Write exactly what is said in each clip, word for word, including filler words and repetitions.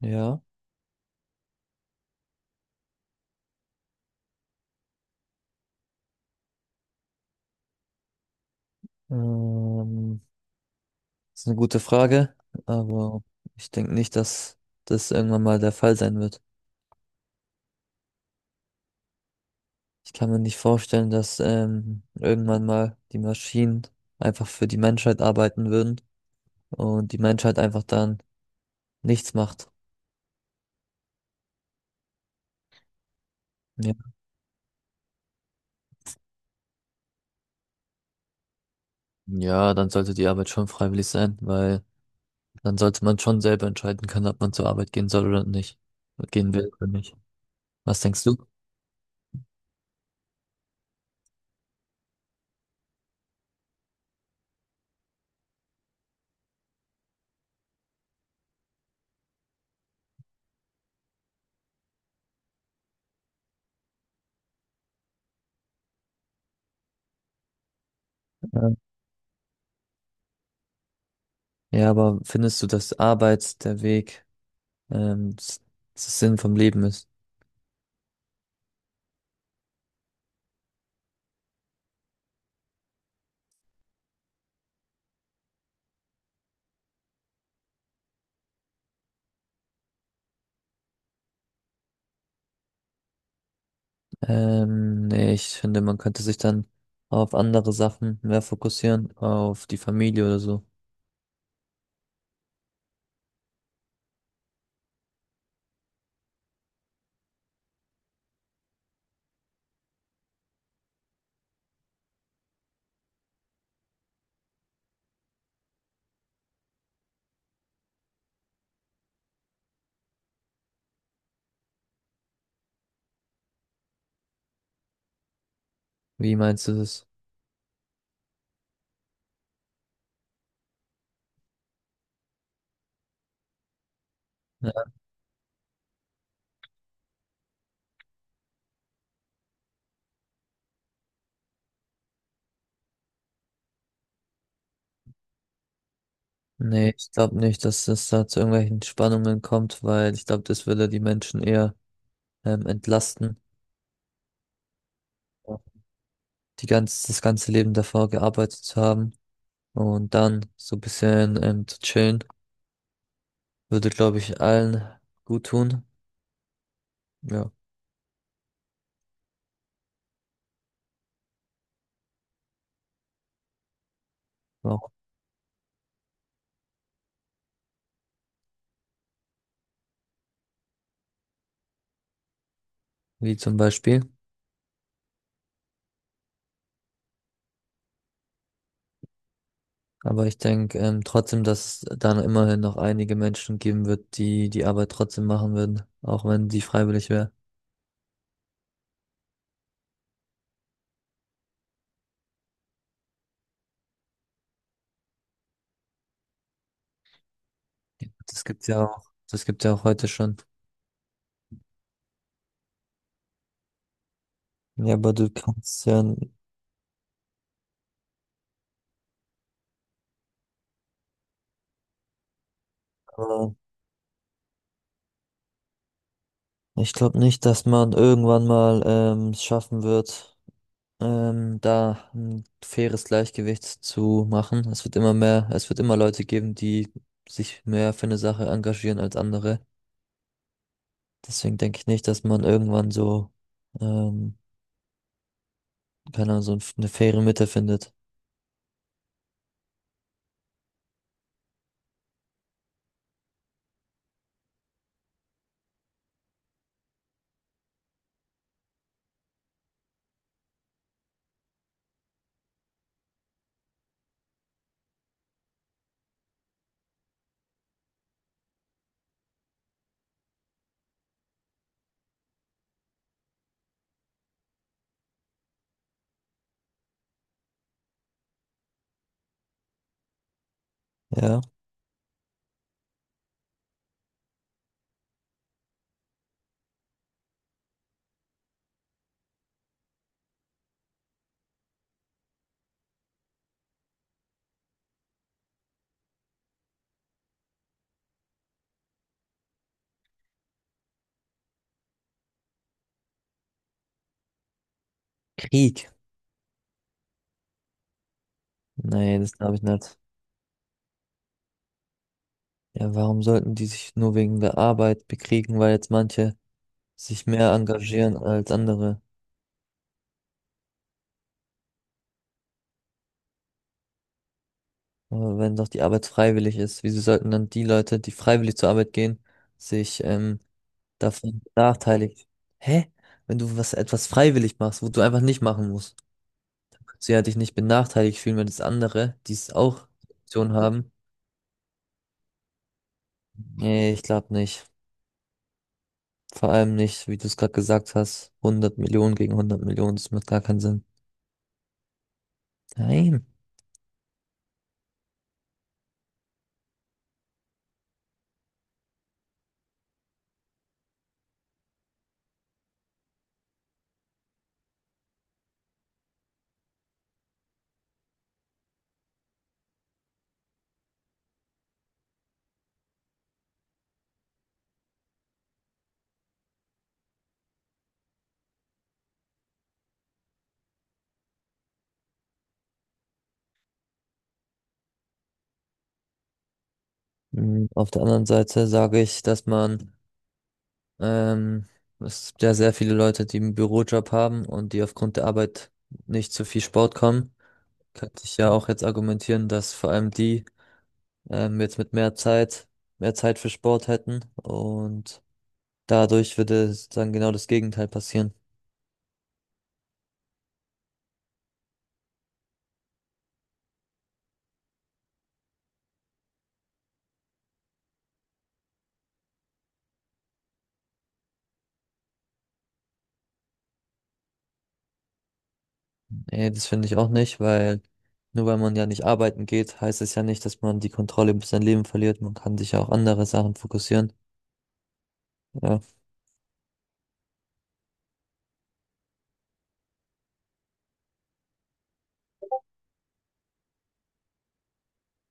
Ja, ähm, ist eine gute Frage, aber ich denke nicht, dass das irgendwann mal der Fall sein wird. Ich kann mir nicht vorstellen, dass ähm, irgendwann mal die Maschinen einfach für die Menschheit arbeiten würden und die Menschheit einfach dann nichts macht. Ja. Ja, dann sollte die Arbeit schon freiwillig sein, weil dann sollte man schon selber entscheiden können, ob man zur Arbeit gehen soll oder nicht, gehen will oder nicht. Was denkst du? Ähm, Ja, aber findest du, dass Arbeit der Weg, ähm, s- das Sinn vom Leben ist? Ähm, nee, ich finde, man könnte sich dann auf andere Sachen mehr fokussieren, auf die Familie oder so. Wie meinst du das? Ja. Nee, ich glaube nicht, dass es da zu irgendwelchen Spannungen kommt, weil ich glaube, das würde die Menschen eher ähm, entlasten. Die ganz, das ganze Leben davor gearbeitet zu haben und dann so ein bisschen ähm, zu chillen, würde, glaube ich, allen gut tun. Ja, auch wie zum Beispiel. Aber ich denke, ähm, trotzdem, dass es dann immerhin noch einige Menschen geben wird, die die Arbeit trotzdem machen würden, auch wenn die freiwillig wäre. Das gibt's ja auch, das gibt's ja auch heute schon. Ja, aber du kannst ja, aber ich glaube nicht, dass man irgendwann mal ähm, es schaffen wird, ähm, da ein faires Gleichgewicht zu machen. Es wird immer mehr, es wird immer Leute geben, die sich mehr für eine Sache engagieren als andere. Deswegen denke ich nicht, dass man irgendwann so, ähm, keine Ahnung, so ein- eine faire Mitte findet. Ja. Krieg. Nee, das glaube ich nicht. Ja, warum sollten die sich nur wegen der Arbeit bekriegen, weil jetzt manche sich mehr engagieren als andere? Aber wenn doch die Arbeit freiwillig ist, wieso sollten dann die Leute, die freiwillig zur Arbeit gehen, sich ähm, davon benachteiligt. Hä? Wenn du was etwas freiwillig machst, wo du einfach nicht machen musst, dann kannst du ja dich nicht benachteiligt fühlen, wenn das andere, die es auch die Option haben. Nee, ich glaube nicht. Vor allem nicht, wie du es gerade gesagt hast, hundert Millionen gegen hundert Millionen, das macht gar keinen Sinn. Nein. Hm, auf der anderen Seite sage ich, dass man, ähm, es gibt ja sehr viele Leute, die einen Bürojob haben und die aufgrund der Arbeit nicht zu viel Sport kommen. Könnte ich ja auch jetzt argumentieren, dass vor allem die, ähm, jetzt mit mehr Zeit, mehr Zeit für Sport hätten und dadurch würde dann genau das Gegenteil passieren. Nee, das finde ich auch nicht, weil nur weil man ja nicht arbeiten geht, heißt es ja nicht, dass man die Kontrolle über sein Leben verliert. Man kann sich ja auch andere Sachen fokussieren. Ja,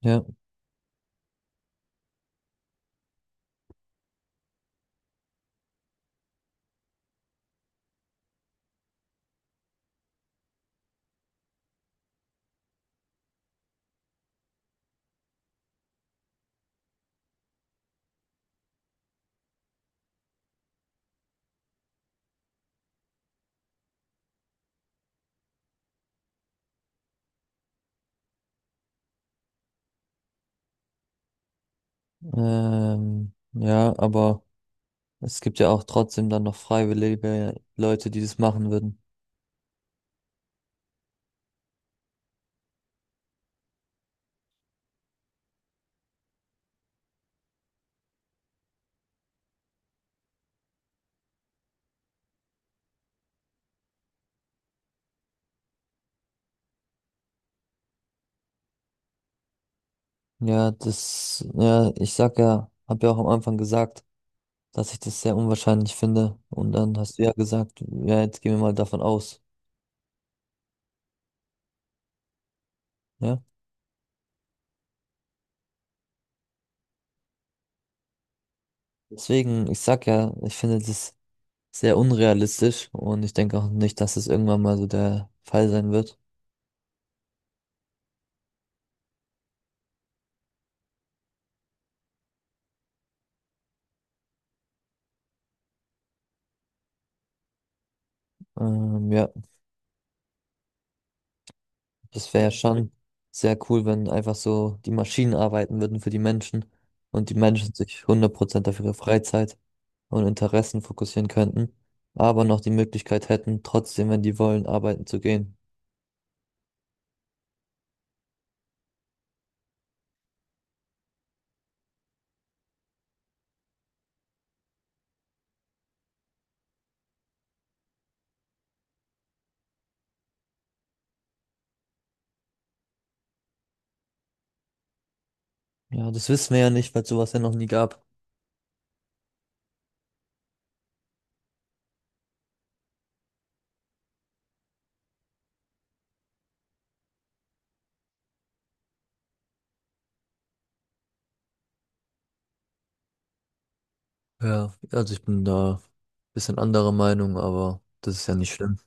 ja, ähm, ja, aber es gibt ja auch trotzdem dann noch freiwillige Leute, die das machen würden. Ja, das, ja, ich sag ja, hab ja auch am Anfang gesagt, dass ich das sehr unwahrscheinlich finde. Und dann hast du ja gesagt, ja, jetzt gehen wir mal davon aus. Ja. Deswegen, ich sag ja, ich finde das sehr unrealistisch und ich denke auch nicht, dass es irgendwann mal so der Fall sein wird. Ähm, ja, das wäre ja schon sehr cool, wenn einfach so die Maschinen arbeiten würden für die Menschen und die Menschen sich hundert Prozent auf ihre Freizeit und Interessen fokussieren könnten, aber noch die Möglichkeit hätten, trotzdem, wenn die wollen, arbeiten zu gehen. Ja, das wissen wir ja nicht, weil es sowas ja noch nie gab. Ja, also ich bin da ein bisschen anderer Meinung, aber das ist ja nicht schlimm.